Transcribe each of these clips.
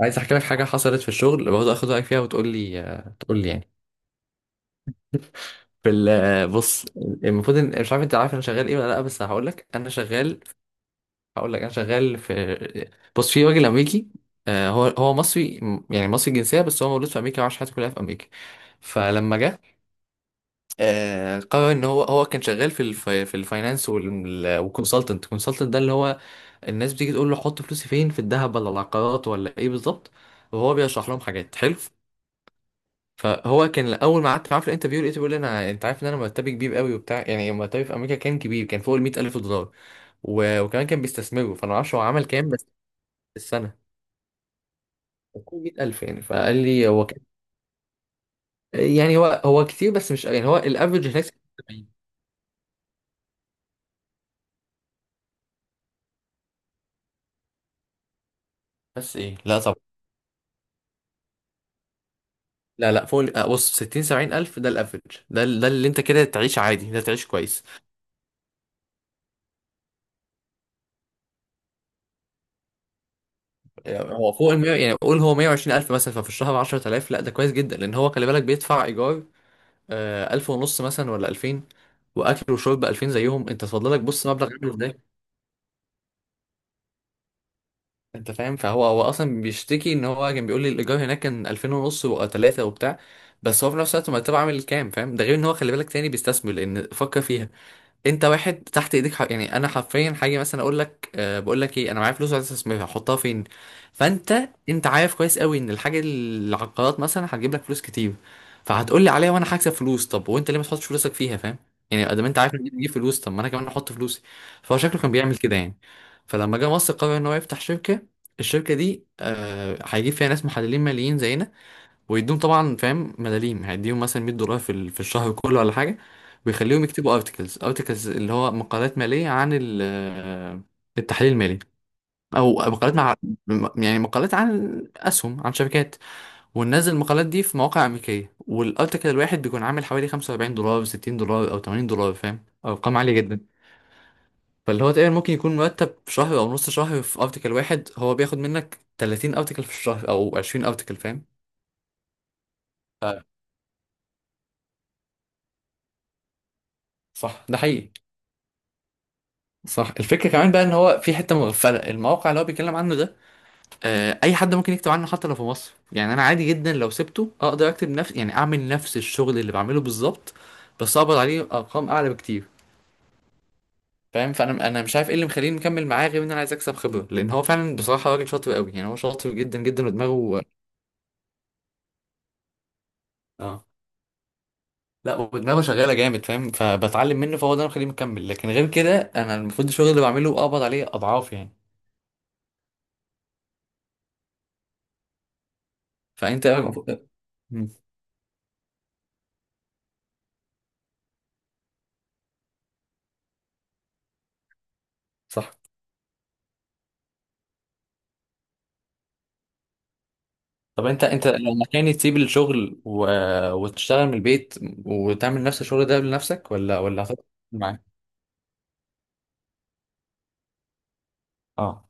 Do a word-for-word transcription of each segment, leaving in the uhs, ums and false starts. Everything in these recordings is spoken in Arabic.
عايز احكي لك حاجه حصلت في الشغل برضه اخد رايك فيها وتقول لي تقول لي يعني. في ال- آه، بص، المفروض ان مش عارف انت عارف انا شغال ايه ولا لا، بس هقول لك انا شغال هقول لك انا شغال في. بص، في راجل امريكي. آه، هو هو مصري، م- يعني مصري الجنسيه بس هو مولود في امريكا وعاش حياته كلها في امريكا. فلما جه، آه، قرر ان هو هو كان شغال في الف... في الفاينانس والكونسلتنت. الكونسلتنت ده اللي هو، الناس بتيجي تقول له حط فلوسي فين، في الذهب ولا العقارات ولا ايه بالظبط، وهو بيشرح لهم حاجات حلو. فهو كان اول ما قعدت معاه في الانترفيو لقيته بيقول لي: انا، انت عارف ان انا مرتبي كبير قوي وبتاع، يعني مرتبي في امريكا كان كبير، كان فوق ال مية ألف دولار، و... وكمان كان بيستثمره، فانا ما اعرفش هو عمل كام. بس في السنه كان فوق مية ألف، يعني فقال لي هو كان، يعني هو هو كتير، بس مش، يعني هو الافرج هناك ستين سبعين. بس ايه، لا طبعا. لا لا، فوق ال- آه، بص، ستين سبعين الف ده الافرج، ده ال- ده اللي انت كده تعيش عادي، ده تعيش كويس. يعني هو فوق ال مية، يعني قول هو مية وعشرين الف مثلا، ففي الشهر عشرة آلاف. لا ده كويس جدا، لان هو خلي بالك بيدفع ايجار، آه، ألف ونص مثلا ولا ألفين، وأكل وشرب بألفين زيهم. أنت تفضلك بص مبلغ عامل إزاي. أنت فاهم، فهو هو أصلا بيشتكي، إن هو كان بيقول لي الإيجار هناك كان ألفين ونص وتلاتة وبتاع. بس هو في نفس الوقت مرتبه عامل كام؟ فاهم، ده غير إن هو خلي بالك تاني بيستثمر، لأن فكر فيها، انت واحد تحت ايديك حق. يعني انا حرفيا حاجه، مثلا اقول لك: أه بقول لك ايه، انا معايا فلوس عايز استثمرها، احطها فين؟ فانت انت عارف كويس قوي ان الحاجه اللي على القرارات مثلا هتجيب لك فلوس كتير، فهتقول لي عليها وانا هكسب فلوس. طب وانت ليه ما تحطش فلوسك فيها؟ فاهم، يعني ادام انت عارف ان دي بتجيب فلوس، طب ما انا كمان احط فلوسي. فهو شكله كان بيعمل كده يعني. فلما جه مصر قرر ان هو يفتح شركه. الشركه دي أه هيجيب فيها ناس محللين ماليين زينا، ويديهم طبعا، فاهم، ملاليم. هيديهم مثلا ميه دولار في ال- في الشهر كله ولا حاجه، ويخليهم يكتبوا ارتكلز. ارتكلز اللي هو مقالات ماليه عن ال- آه، التحليل المالي، او مقالات مع م- يعني مقالات عن اسهم، عن شركات، وننزل المقالات دي في مواقع امريكيه. والارتكل الواحد بيكون عامل حوالي خمسة وأربعين دولار، ستين دولار، او تمانين دولار، فاهم، ارقام عاليه جدا. فاللي هو تقريبا ممكن يكون مرتب في شهر او نص شهر في ارتكل واحد، هو بياخد منك ثلاثين ارتكل في الشهر او عشرين ارتكل، فاهم. صح، ده حقيقي. صح، الفكرة كمان بقى، ان هو في حتة مغفلة، الموقع اللي هو بيتكلم عنه ده، آه، اي حد ممكن يكتب عنه حتى لو في مصر. يعني انا عادي جدا لو سبته اقدر اكتب نفس، يعني اعمل نفس الشغل اللي بعمله بالظبط، بس اقبض عليه ارقام اعلى بكتير، فاهم. فانا انا مش عارف ايه اللي مخليني مكمل معاه، غير ان انا عايز اكسب خبرة، لان هو فعلا بصراحة راجل شاطر قوي. يعني هو شاطر جدا جدا، ودماغه. اه، لا ودماغه شغالة جامد، فاهم، فبتعلم منه، فهو ده اللي مخليني مكمل. لكن غير كده، انا المفروض الشغل اللي بعمله اقبض عليه اضعاف يعني. فانت. مم. صح. طب انت، انت لما كان تسيب الشغل و... وتشتغل من البيت، وتعمل نفس الشغل ده لنفسك، ولا ولا هتفضل معاه؟ اه.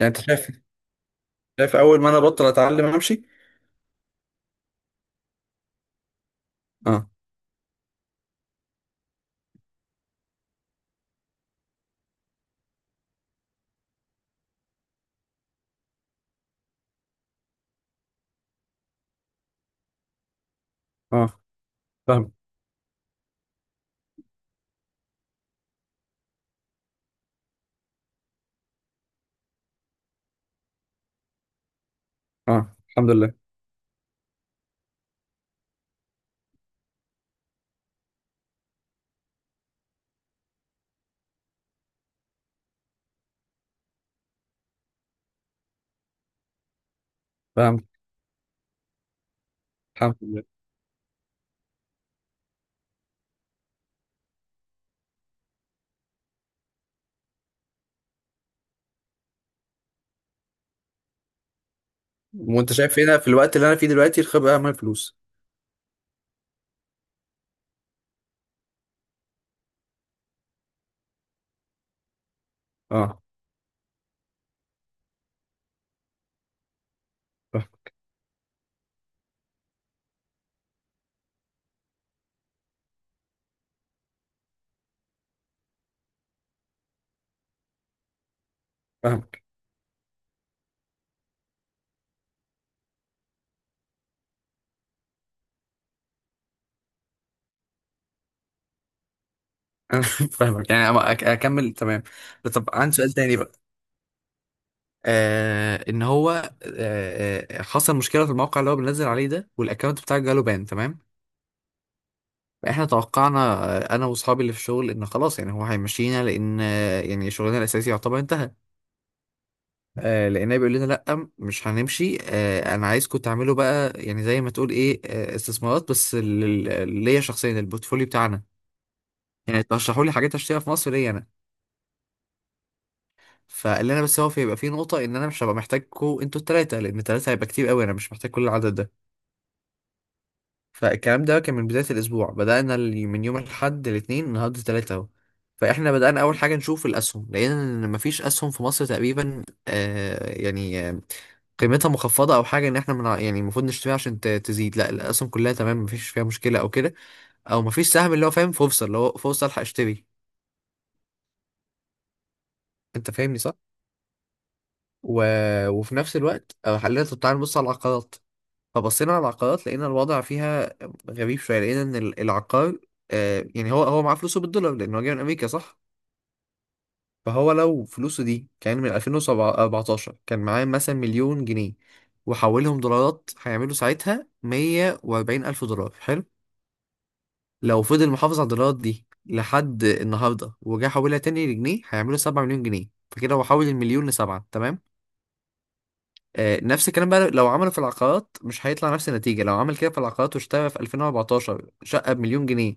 يعني انت شايف؟ شايف اول ما انا بطل اتعلم امشي؟ اه اه، فاهم. اه، الحمد لله. فاهم. الحمد لله. وانت شايف هنا في الوقت اللي انا فيه دلوقتي الخبره اهم من الفلوس؟ اه، فاهم. فاهمك. انا فاهمك، يعني أما أك- اكمل، تمام. طب عندي سؤال تاني بقى. آه ان هو آه آه، حصل مشكله في الموقع اللي هو بنزل عليه ده، والاكونت بتاعك جاله بان. تمام. احنا توقعنا، آه، انا واصحابي اللي في الشغل، ان خلاص، يعني هو هيمشينا، لان آه، يعني شغلنا الاساسي يعتبر انتهى. آه، لقيناه بيقول لنا لا، مش هنمشي، آه، انا عايزكم تعملوا بقى، يعني زي ما تقول ايه، آه، استثمارات، بس لل- ليا شخصيا، البورتفوليو بتاعنا. يعني ترشحوا لي حاجات اشتريها في مصر ليا انا. فقال لنا بس هو في- هيبقى في نقطة ان انا مش هبقى محتاجكم انتوا التلاتة، لان التلاتة هيبقى كتير قوي، انا مش محتاج كل العدد ده. فالكلام ده كان من بداية الأسبوع. بدأنا ال- من يوم الأحد الاثنين، النهاردة تلاتة أهو. فإحنا بدأنا أول حاجة نشوف الأسهم، لأن مفيش أسهم في مصر تقريبا، آه يعني، آه، قيمتها مخفضة أو حاجة، إن إحنا، من يعني، المفروض نشتريها عشان ت- تزيد. لا، الأسهم كلها تمام، مفيش فيها مشكلة أو كده، أو مفيش سهم اللي هو، فاهم، فرصة، اللي هو فرصة ألحق أشتري. أنت فاهمني صح؟ و... وفي نفس الوقت، آه، خلينا طب تعالى نبص على العقارات. فبصينا على العقارات، لقينا الوضع فيها غريب شوية. لقينا إن ال- العقار آه، يعني هو هو معاه فلوسه بالدولار، لأن هو جاي من أمريكا صح؟ فهو لو فلوسه دي كان من ألفين وأربعتاشر، كان معاه مثلا مليون جنيه، وحولهم دولارات هيعملوا ساعتها ميه وأربعين ألف دولار، حلو؟ لو فضل محافظ على الدولارات دي لحد النهاردة وجا حولها تاني لجنيه، هيعملوا سبعة مليون جنيه، فكده هو حول المليون لسبعة، تمام؟ آه، نفس الكلام بقى لو عمله في العقارات، مش هيطلع نفس النتيجة؟ لو عمل كده في العقارات واشترى في ألفين وأربعتاشر شقة بمليون جنيه،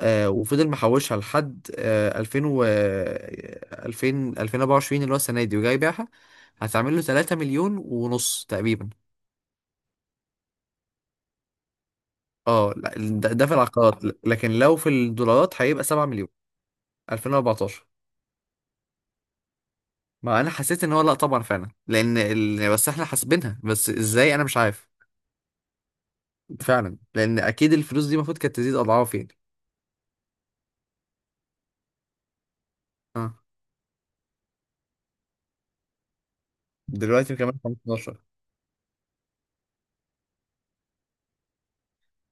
آه، وفضل محوشها لحد آه، ألفين و ألفين ألفين وأربعة وعشرين، اللي هو السنة دي، وجاي يبيعها، هتعمل له ثلاثة مليون ونص تقريبا. اه لا، ده ده في العقارات، لكن لو في الدولارات هيبقى سبعة مليون. ألفين وأربعتاشر. ما انا حسيت ان هو لا طبعا فعلا، لان ال... بس احنا حاسبينها بس ازاي، انا مش عارف. فعلا، لان اكيد الفلوس دي المفروض كانت تزيد اضعاف يعني. اه. دلوقتي كمان خمستاشر.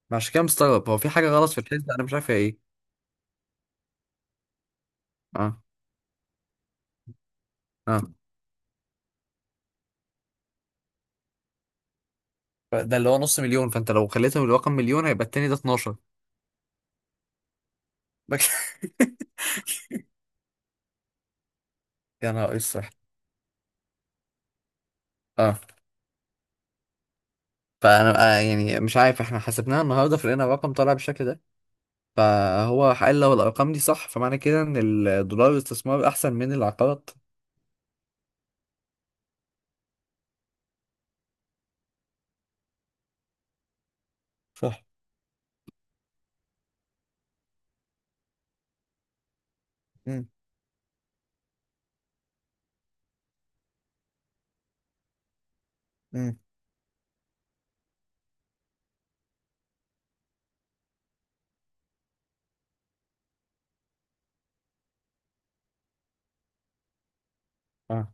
ما عشان كده مستغرب، هو في حاجة غلط في الحسبة، أنا مش عارف هي إيه. أه أه، ده اللي هو نص مليون، فأنت لو خليتهم الرقم مليون هيبقى التاني ده اتناشر. يا نهار اسود. اه، فانا آه يعني مش عارف، احنا حسبناها النهارده فلقينا الرقم طالع بالشكل ده. فهو قال لو الارقام دي صح، فمعنى كده ان الدولار استثمار احسن من العقارات. صح. امم. امم. اه،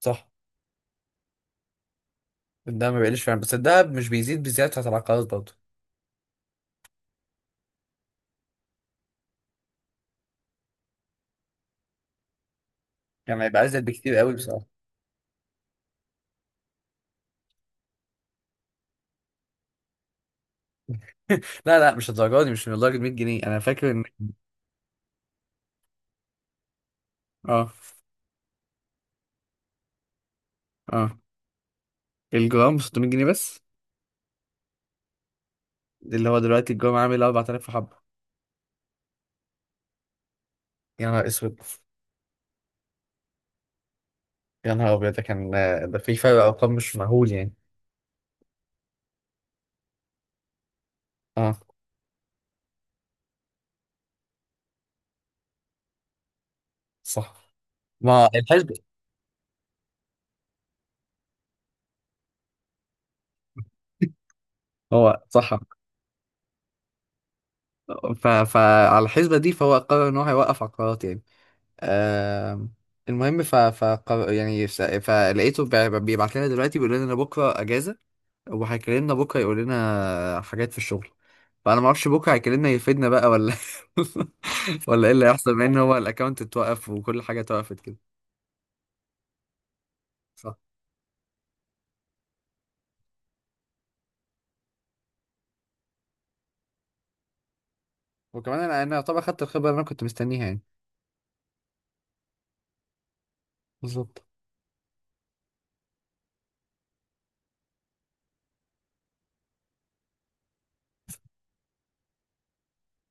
صح، الدهب ما بيقلش فعلا، بس الدهب مش بيزيد بالزياده بتاعت العقارات برضه. يعني هيبقى ازيد بكتير قوي بصراحه. لا لا، مش الدرجه دي، مش من لدرجه ميه جنيه. انا فاكر ان، اه اه، الجرام ب ستمية جنيه بس. اللي هو دلوقتي الجرام عامل أربعة آلاف حبه. يا نهار اسود. يا نهار ابيض، ده كان، ده في فرق ارقام مش مهول يعني. اه، صح. ما الحسبة. هو صح. ف... فعلى الحسبة دي فهو قرر ان هو هيوقف عقارات يعني. آم، المهم. ف... ف... يعني، س- فلقيته بيبعت لنا دلوقتي بيقول لنا بكره اجازة، وهيكلمنا بكره يقول لنا حاجات في الشغل. فانا ما اعرفش بكره هيكلمنا يفيدنا بقى ولا ولا ايه اللي هيحصل، بما ان هو الاكونت اتوقف وكل حاجه اتوقفت كده. صح. وكمان انا، انا يعتبر خدت الخبره اللي انا كنت مستنيها يعني. بالظبط.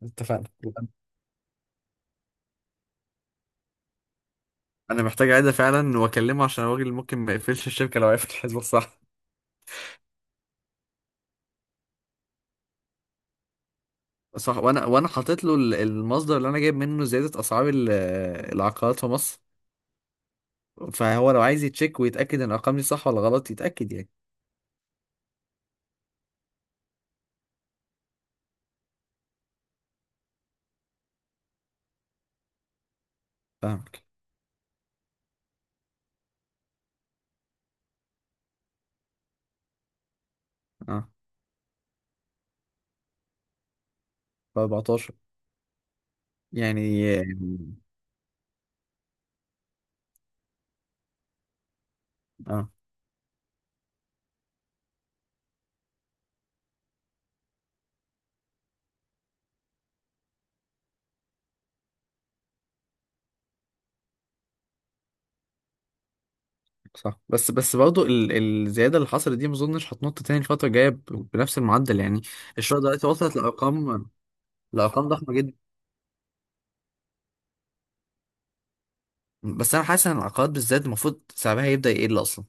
اتفقنا. انا محتاج اعيدها فعلا واكلمه، عشان الراجل ممكن ما يقفلش الشركه لو عرف الحسبه الصح. صح. وانا وانا حاطط له ال- المصدر اللي انا جايب منه زياده اسعار ال- العقارات في مصر، فهو لو عايز يتشيك ويتاكد ان الارقام دي صح ولا غلط يتاكد يعني. فاهمك. اه. أربعتاشر. يعني، اه، صح. بس، بس برضه ال... الزياده اللي حصلت دي ما اظنش هتنط تاني الفتره الجايه ب... بنفس المعدل يعني. الشراء دلوقتي وصلت لارقام، لارقام ضخمه جدا. بس انا حاسس ان العقارات بالذات المفروض سعرها يبدا يقل اصلا.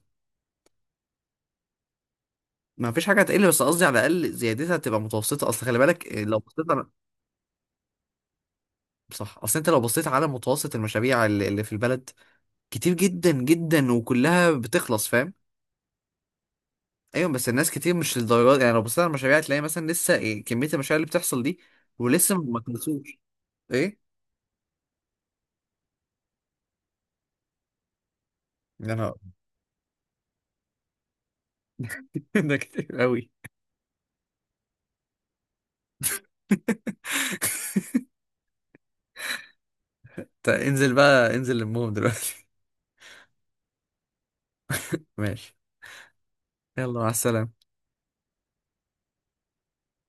ما فيش حاجه هتقل، بس قصدي على الاقل زيادتها تبقى متوسطه، اصل خلي بالك، إيه، لو بصيت على، صح، اصل انت لو بصيت على متوسط المشاريع اللي اللي في البلد، كتير جدا جدا، وكلها بتخلص، فاهم. ايوه، بس الناس كتير مش للدرجه دي. يعني لو بصيت على المشاريع هتلاقي مثلا لسه إيه كميه المشاريع اللي بتحصل دي، ولسه ما خلصوش. ايه. يا نهار، ده كتير قوي. طيب انزل بقى، انزل، المهم دلوقتي. ماشي. يلا مع السلامه.